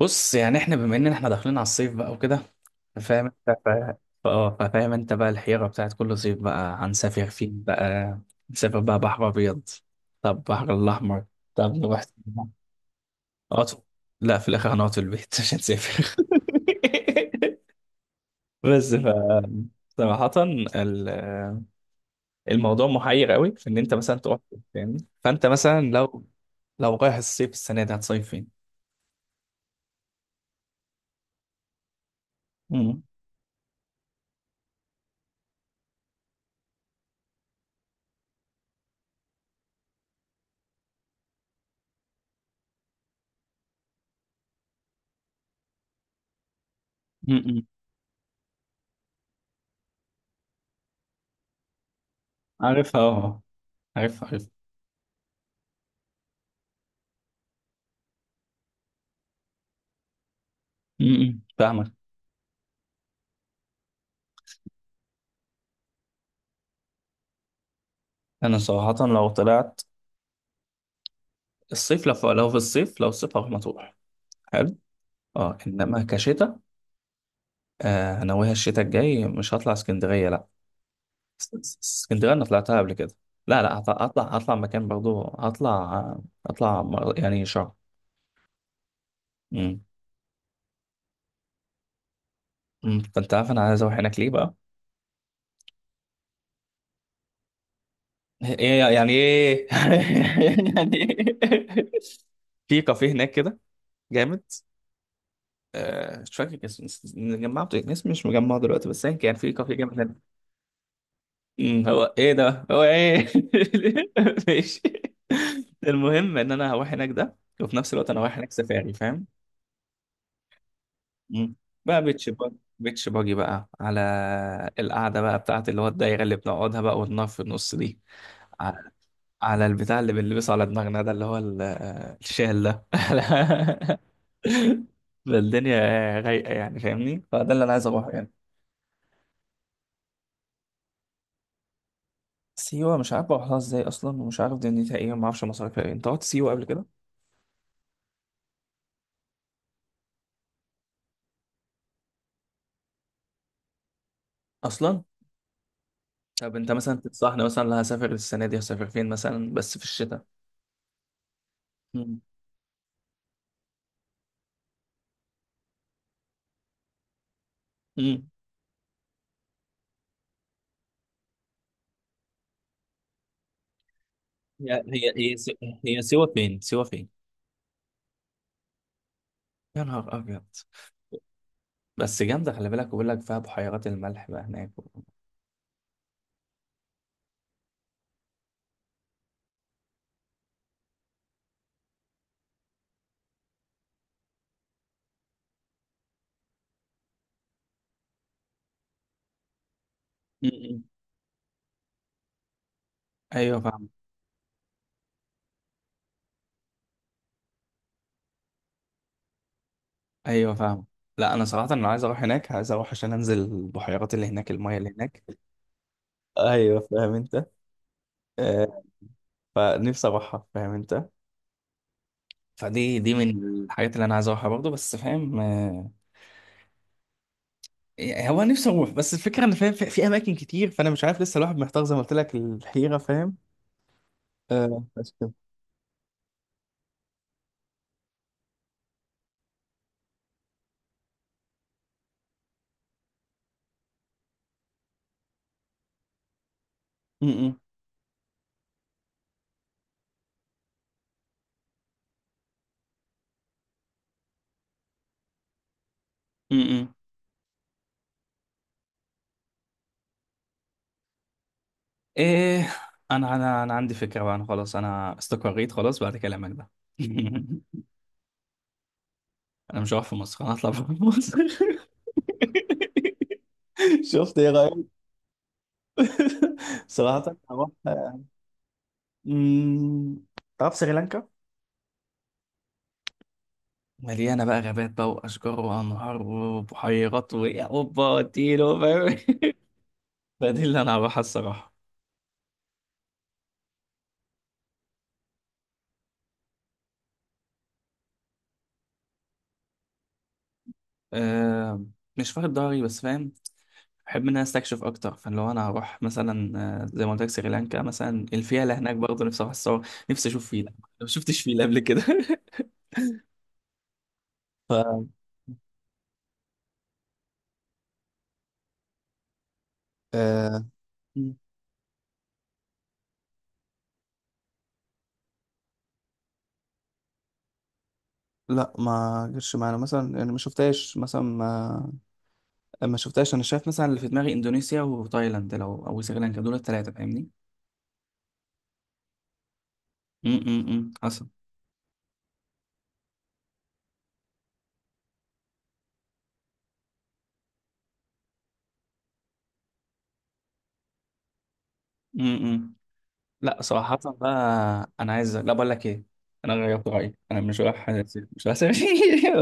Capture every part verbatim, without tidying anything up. بص، يعني احنا بما ان احنا داخلين على الصيف بقى وكده. فاهم انت فا- فاه فاهم انت بقى الحيرة بتاعت كل صيف بقى هنسافر فين بقى. نسافر بقى بحر ابيض، طب بحر الاحمر، طب نروح اطول. لا، في الاخر هنقعد في البيت مش هنسافر. بس ف صراحة ال- الموضوع محير قوي في ان انت مثلا تروح فين، فاهمني. فانت مثلا لو لو رايح الصيف السنة دي هتصيف فين؟ امم امم عارفها اه، عارفها عارفها. امم فاهمك. انا صراحه لو طلعت الصيف، لو في، لو في الصيف لو الصيف هروح مطروح. حلو اه، انما كشتاء. آه، ناويها الشتاء الجاي مش هطلع اسكندريه لا. اس- اس- اسكندريه انا طلعتها قبل كده. لا لا، هطلع هطلع هطلع مكان برضو. هطلع هطلع مر- يعني شرم. امم أمم، فانت عارف انا عايز اروح هناك ليه بقى. ايه يعني ايه يعني ايه، في كافيه هناك كده جامد. آه، مش فاكر اسم اسم- مجمعه بت- اسم، مش مجمعه دلوقتي بس يعني كان في كافيه جامد. مم، هو ايه ده هو ايه. ماشي. المهم ان انا هروح هناك ده، وفي نفس الوقت انا رايح هناك سفاري، فاهم. مم. بقى بيتش باجي، بيتش باجي بقى، على القعده بقى بتاعت اللي هو الدايره اللي بنقعدها بقى، والنار في النص دي، على على البتاع اللي بنلبسه على دماغنا ده اللي هو ال- الشال ده. فالدنيا رايقه، يعني فاهمني، فده اللي انا عايز اروحه يعني. سيوه مش عارف اروحها ازاي اصلا، ومش عارف دنيتها ايه، وما اعرفش مصاريفها ايه. انت رحت سيوه قبل كده اصلا؟ طب انت مثلا تنصحني مثلا لو هسافر السنه دي هسافر فين مثلا، بس في الشتاء. مم. مم. هي هي هي س- هي سيوة فين، سيوة فين؟ يا نهار ابيض. بس جامده، خلي بالك، بقول لك فيها بحيرات الملح بقى هناك و... م-م. مم. ايوه فاهم، ايوه فاهم. لا انا صراحه انا عايز اروح هناك، عايز اروح عشان انزل البحيرات اللي هناك، المايه اللي هناك. ايوه فاهم انت. آه، فنفسي اروحها، فاهم انت. فدي، دي من الحاجات اللي انا عايز اروحها برضه، بس فاهم آه. إيه، هو أنا نفسي اروح بس الفكره ان فاهم في في اماكن كتير، فانا مش عارف لسه، الواحد محتار زي ما قلت لك الحيره، فاهم. آه بس كده. م- م- م- م. ايه، انا انا انا عندي فكره بقى، انا خلاص انا استقريت خلاص بعد كلامك ده. انا مش هروح في مصر، انا هطلع بره مصر. شفت؟ ايه رايك؟ صراحه هروح. أمم، تعرف سريلانكا؟ مليانه بقى غابات بقى واشجار وانهار وبحيرات واوبا اديله، فاهم. ده دي اللي انا هروحها الصراحه. أه، مش فارد ضهري بس فاهم. بحب ان انا استكشف اكتر، فاللي هو انا هروح مثلا آه، زي ما قلت لك سريلانكا مثلا. الفيله هناك برضه نفسي اروح اتصور، نفسي اشوف فيله. ما شفتش فيله قبل كده. ف آه لا، ما جرش معانا مثلا يعني، ما شفتهاش مثلا ما، ما شفتهاش. انا شايف، شايف مثلا اللي في دماغي اندونيسيا وتايلاند لو او سريلانكا، دول الثلاثه فاهمني. امم امم حصل. لا صراحة بقى أنا عايز، لا بقول لك إيه، أنا غيرت رأيي، أنا مش رايح. مش رايح.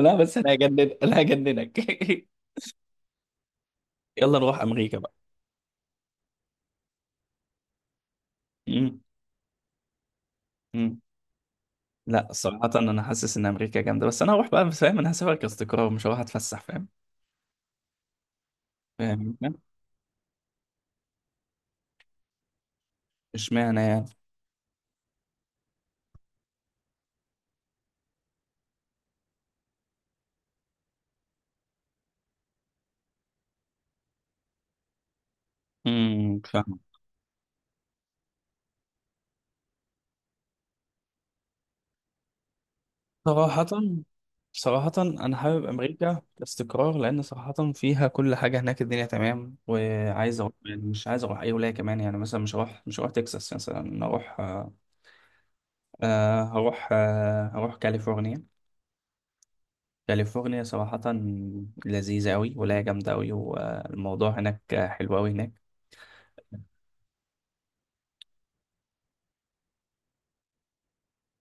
لا بس أنا هجنن، أنا هجننك. يلا نروح أمريكا بقى. مم. مم. لا صراحة أنا حاسس إن أمريكا جامدة، بس أنا هروح بقى فاهم، أنا هسافر كاستقرار، مش هروح أتفسح، فاهم. فاهم أنت؟ إشمعنى يعني. مم. صراحة، صراحة أنا حابب أمريكا كاستقرار لأن صراحة فيها كل حاجة، هناك الدنيا تمام وعايز أروح، يعني مش عايز أروح أي ولاية كمان يعني، مثلا مش هروح مش هروح تكساس، مثلا أروح آه، آه، هروح آه، هروح كاليفورنيا. كاليفورنيا صراحة لذيذة أوي، ولاية جامدة أوي، والموضوع هناك حلو أوي هناك.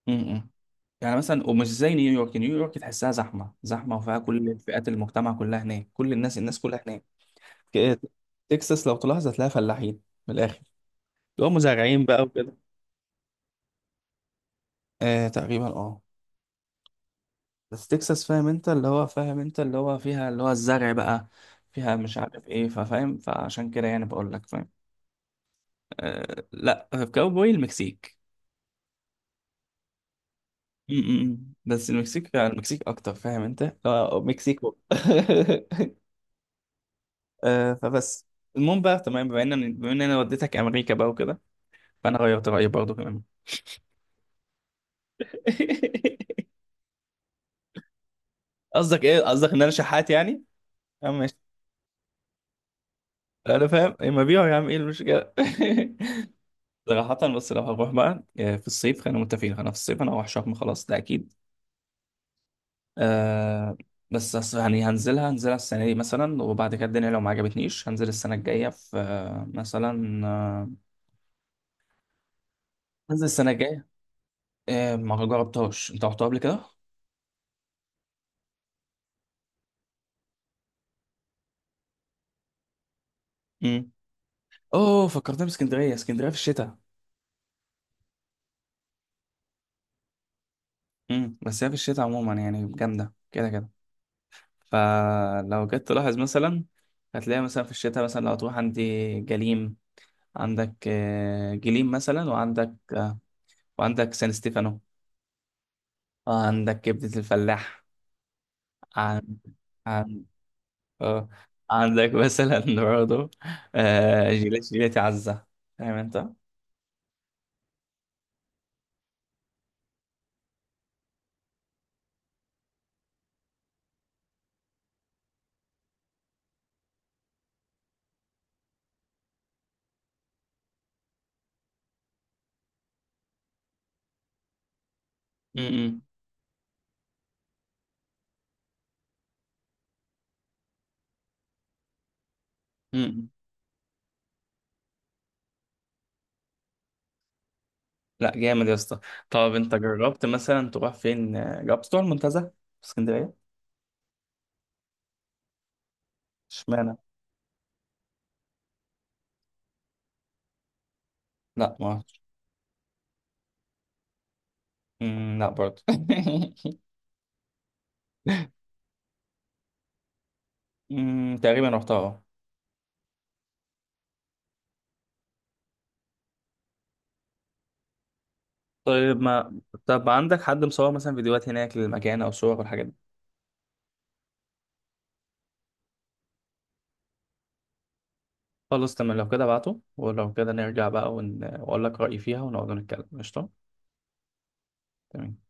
م- م. يعني مثلا، ومش زي نيويورك، نيويورك تحسها زحمة زحمة، وفيها كل فئات المجتمع كلها هناك، كل الناس، الناس كلها هناك. ك- تكساس لو تلاحظ هتلاقيها فلاحين، من الاخر، اللي هو مزارعين بقى وكده. آه تقريبا اه. بس تكساس فاهم انت اللي هو، فاهم انت اللي هو فيها اللي هو الزرع بقى، فيها مش عارف ايه، ففاهم، فعشان كده يعني بقول لك فاهم. آه لا، كاوبوي المكسيك. م- م- م. بس المكسيك، المكسيك اكتر فاهم انت، آه مكسيكو. آه فبس. المهم بقى تمام، بما ان بما ان انا وديتك امريكا بقى وكده، فانا غيرت رايي برضه كمان. قصدك ايه، قصدك ان انا شحات يعني؟ آه، ماشي. انا فاهم، اما بيعوا يا عم ايه المشكله. صراحه، بس لو هنروح بقى آه، في الصيف خلينا متفقين، انا في الصيف انا هروح شرم خلاص، ده اكيد. آه. بس أص- يعني هنزلها، هنزلها السنه دي مثلا، وبعد كده الدنيا لو ما عجبتنيش هنزل السنه الجايه في آه، مثلا آه، هنزل السنه الجايه. آه ما جربتهاش، انت رحتها قبل كده؟ امم. اوه، فكرتني باسكندريه، اسكندريه في الشتاء. امم، بس هي في الشتاء عموما يعني جامده كده كده. فلو جيت تلاحظ مثلا، هتلاقي مثلا في الشتاء مثلا لو تروح عندي جليم، عندك آه، جليم مثلا، وعندك آه، وعندك سان ستيفانو، وعندك كبدة الفلاح، عن عن آه، عندك مثلا برضه آه، جيلاتي، جيلاتي عزة، فاهم انت؟ م-م. م-م. لا جامد يا اسطى. طب انت جربت مثلا تروح فين آه، جربت تروح المنتزه في اسكندرية؟ اشمعنى؟ لا ما رحتش. م، لا برضه. م، تقريبا رحتها اه. طيب ما، طب عندك حد مصور مثلا فيديوهات هناك للمكان او صور والحاجات دي؟ خلاص تمام، لو كده ابعته، ولو كده نرجع بقى ون... واقول لك رأيي فيها ونقعد نتكلم قشطة. تمام.